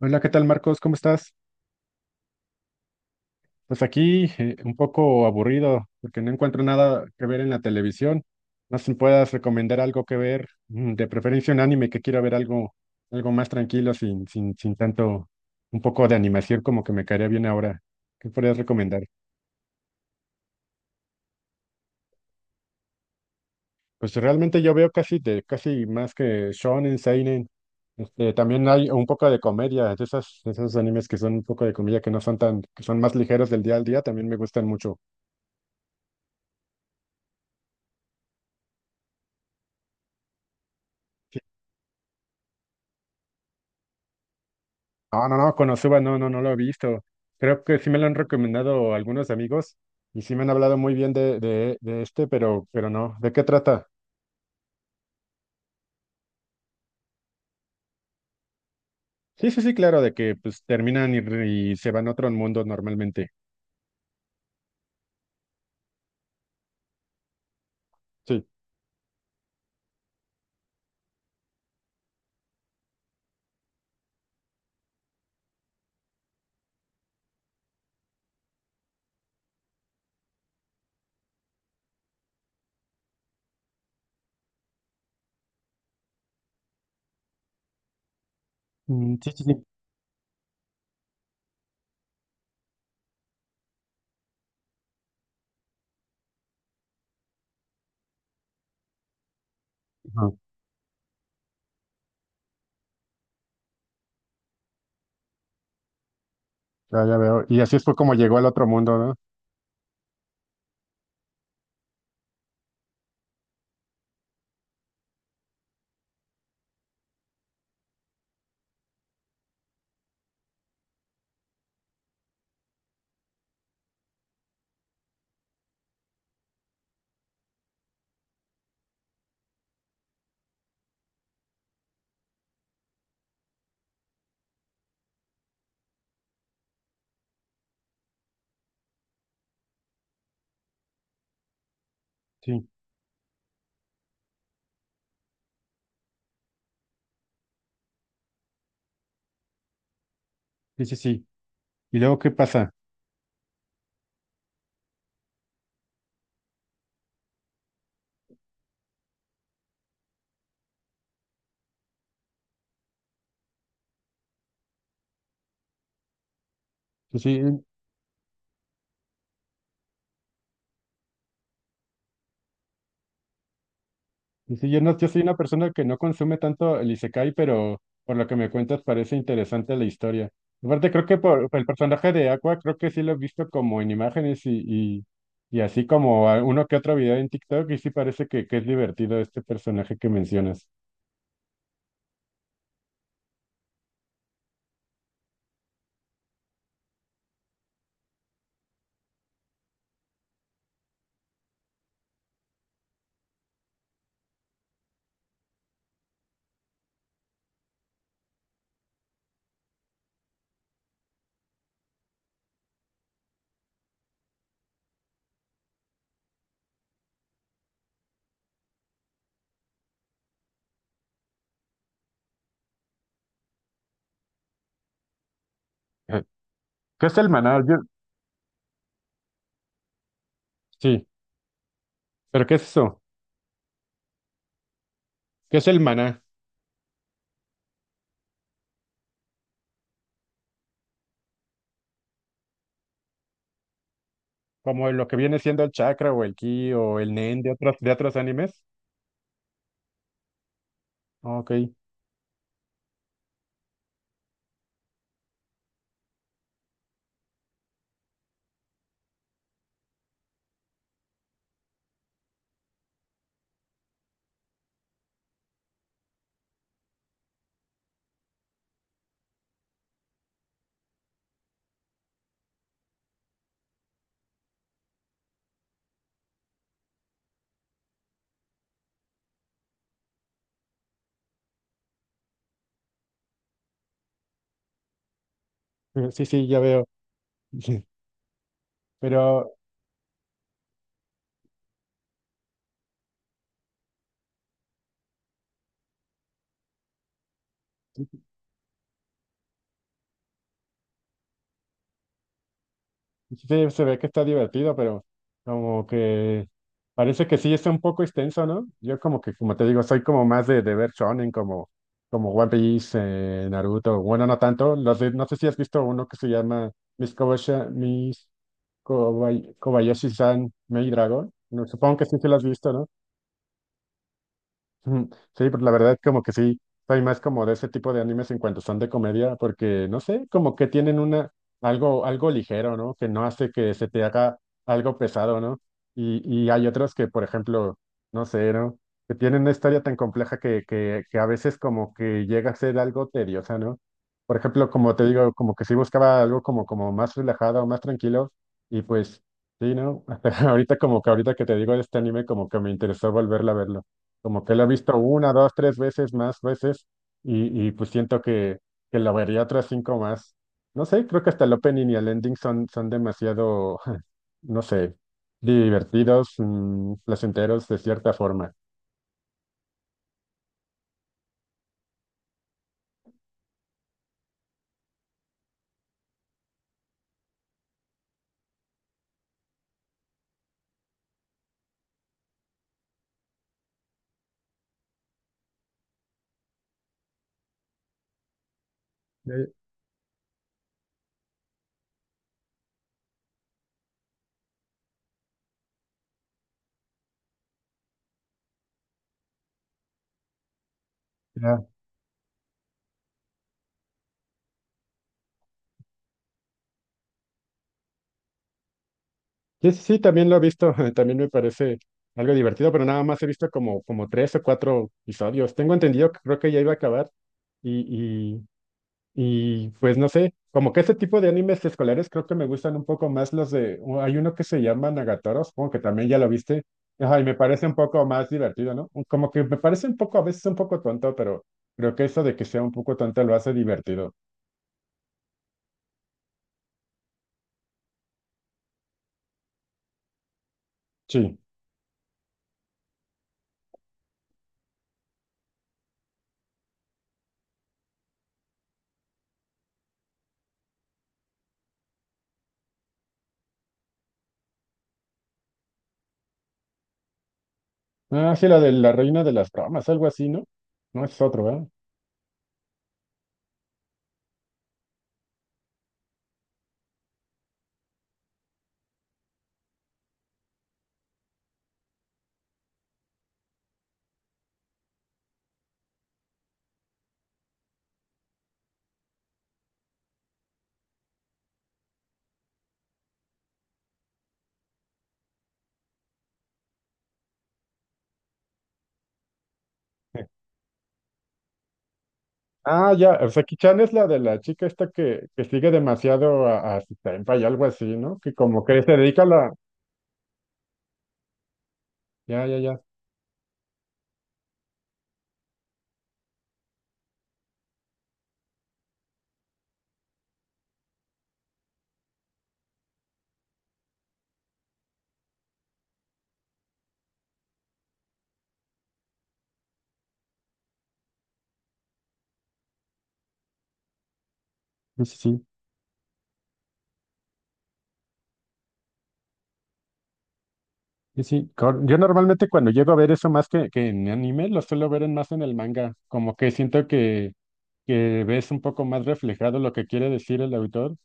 Hola, ¿qué tal, Marcos? ¿Cómo estás? Pues aquí un poco aburrido porque no encuentro nada que ver en la televisión. No sé si puedas recomendar algo que ver, de preferencia un anime, que quiero ver algo, algo más tranquilo, sin tanto, un poco de animación, como que me caería bien ahora. ¿Qué podrías recomendar? Pues realmente yo veo casi casi más que shonen, seinen. También hay un poco de comedia, de esas, de esos animes que son un poco de comedia, que no son tan, que son más ligeros, del día al día, también me gustan mucho. No, no, no, Konosuba no, no, no lo he visto. Creo que sí me lo han recomendado algunos amigos y sí me han hablado muy bien de este, pero no. ¿De qué trata? Sí, sí, sí, claro, de que pues terminan y se van a otro mundo normalmente. Sí. Mm, sí, sí, sí. Ajá. Ya, ya veo. Y así fue como llegó al otro mundo, ¿no? Sí, sí, sí, sí. ¿Y luego qué pasa? Sí, sí. Y sí, yo, no, yo soy una persona que no consume tanto el Isekai, pero por lo que me cuentas parece interesante la historia. Aparte, creo que por el personaje de Aqua, creo que sí lo he visto como en imágenes, y uno que otro video en TikTok, y sí parece que es divertido este personaje que mencionas. Ajá. ¿Qué es el maná? Sí, pero ¿qué es eso? ¿Qué es el maná? Como lo que viene siendo el chakra, o el ki, o el nen de otros animes. Ok, sí, sí, ya veo. Pero sí, se ve que está divertido, pero como que parece que sí está un poco extenso, ¿no? Yo como que, como te digo, soy como más de ver shonen, como, como One Piece, Naruto, bueno, no tanto, no sé si has visto uno que se llama Miss Kobashi- Miss Kobay- Kobayashi-san Maid Dragon, no, supongo que sí se lo has visto, ¿no? Ujú. Sí, pues la verdad como que sí, soy más como de ese tipo de animes en cuanto son de comedia, porque no sé, como que tienen una algo ligero, ¿no? Que no hace que se te haga algo pesado, ¿no? Y hay otros que, por ejemplo, no sé, ¿no? Que tienen una historia tan compleja que, que a veces como que llega a ser algo tediosa, ¿no? Por ejemplo, como te digo, como que sí buscaba algo como, como más relajado, más tranquilo, y pues sí, ¿no? Ahorita como que ahorita que te digo de este anime, como que me interesó volverla a verlo, como que la he visto una, dos, tres veces, más veces, y pues siento que la vería otras cinco más. No sé, creo que hasta el opening y el ending son, son demasiado, no sé, divertidos, placenteros de cierta forma. Ya, ya. Sí, sí, sí, también lo he visto, también me parece algo divertido, pero nada más he visto como, como tres o cuatro episodios. Tengo entendido que creo que ya iba a acabar. Y, y pues no sé, como que ese tipo de animes escolares, creo que me gustan un poco más hay uno que se llama Nagatoro, supongo que también ya lo viste, ajá, y me parece un poco más divertido, ¿no? Como que me parece un poco, a veces un poco tonto, pero creo que eso de que sea un poco tonto lo hace divertido. Sí. Ah, sí, la de la reina de las ramas, algo así, ¿no? No es otro, ¿verdad? Ah, ya, o sea, Kichan es la de la chica esta que sigue demasiado a su senpai, y algo así, ¿no? Que como que se dedica a la... Ya, ya, ya. Sí, sí, sí. Y sí, yo normalmente cuando llego a ver eso más que en anime, lo suelo ver más en el manga, como que siento que ves un poco más reflejado lo que quiere decir el autor,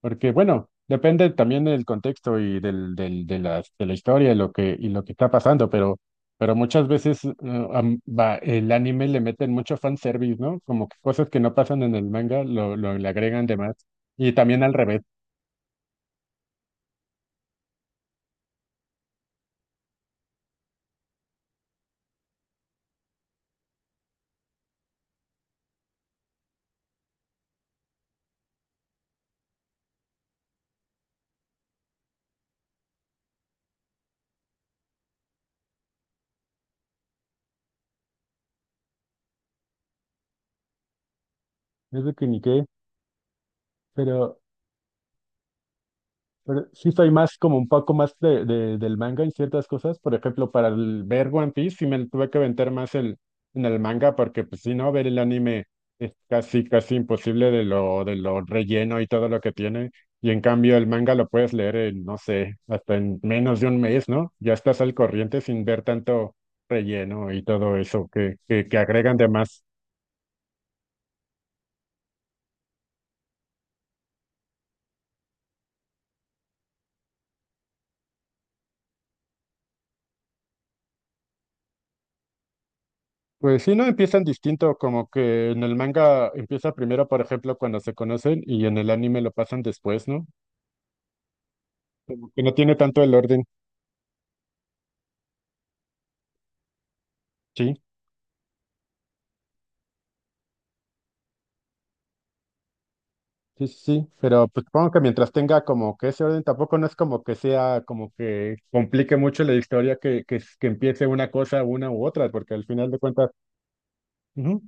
porque bueno, depende también del contexto y de de la historia, y lo que está pasando, pero muchas veces el anime le meten mucho fanservice, ¿no? Como que cosas que no pasan en el manga lo le agregan de más, y también al revés, es de que ni qué, pero... Pero sí soy más como un poco más del manga en ciertas cosas. Por ejemplo, para ver One Piece sí me tuve que aventar más en el manga, porque pues si no, ver el anime es casi, casi imposible de lo relleno y todo lo que tiene. Y en cambio el manga lo puedes leer en, no sé, hasta en menos de un mes, ¿no? Ya estás al corriente sin ver tanto relleno y todo eso que agregan de más. Pues sí, no empiezan distinto, como que en el manga empieza primero, por ejemplo, cuando se conocen, y en el anime lo pasan después, ¿no? Como que no tiene tanto el orden, sí, sí, sí, sí, pero pues supongo que mientras tenga como que ese orden, tampoco no es como que sea como que complique mucho la historia, que empiece una cosa, una u otra, porque al final de cuentas, ujú,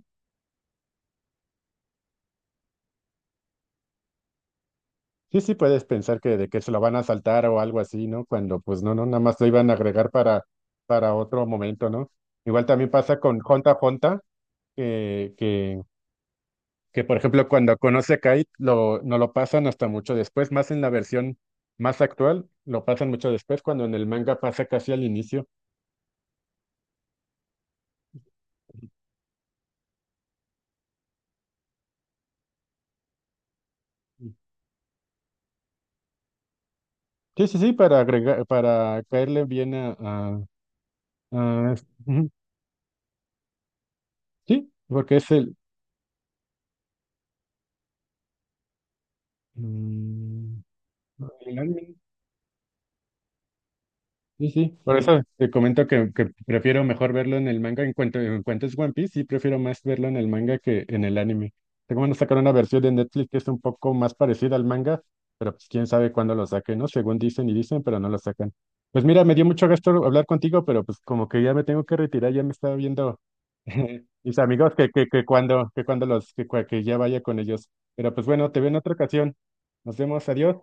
sí, sí puedes pensar que de que se lo van a saltar o algo así, ¿no? Cuando pues no, no, nada más lo iban a agregar para otro momento, ¿no? Igual también pasa con Honta Honta que, que que por ejemplo cuando conoce a Kate no lo pasan hasta mucho después, más en la versión más actual, lo pasan mucho después, cuando en el manga pasa casi al inicio. Sí, sí, sí, para agregar, para caerle bien a, a- ujú, sí, porque es el, mm, el anime. Sí, sí, por eso te comento que prefiero mejor verlo en el manga. En cuanto es One Piece, sí prefiero más verlo en el manga que en el anime. Tengo, van a sacar una versión de Netflix que es un poco más parecida al manga, pero pues quién sabe cuándo lo saquen, ¿no? Según dicen y dicen, pero no lo sacan. Pues mira, me dio mucho gusto hablar contigo, pero pues como que ya me tengo que retirar, ya me estaba viendo mis amigos que cuando los, que ya vaya con ellos. Pero pues bueno, te veo en otra ocasión. Nos vemos, adiós.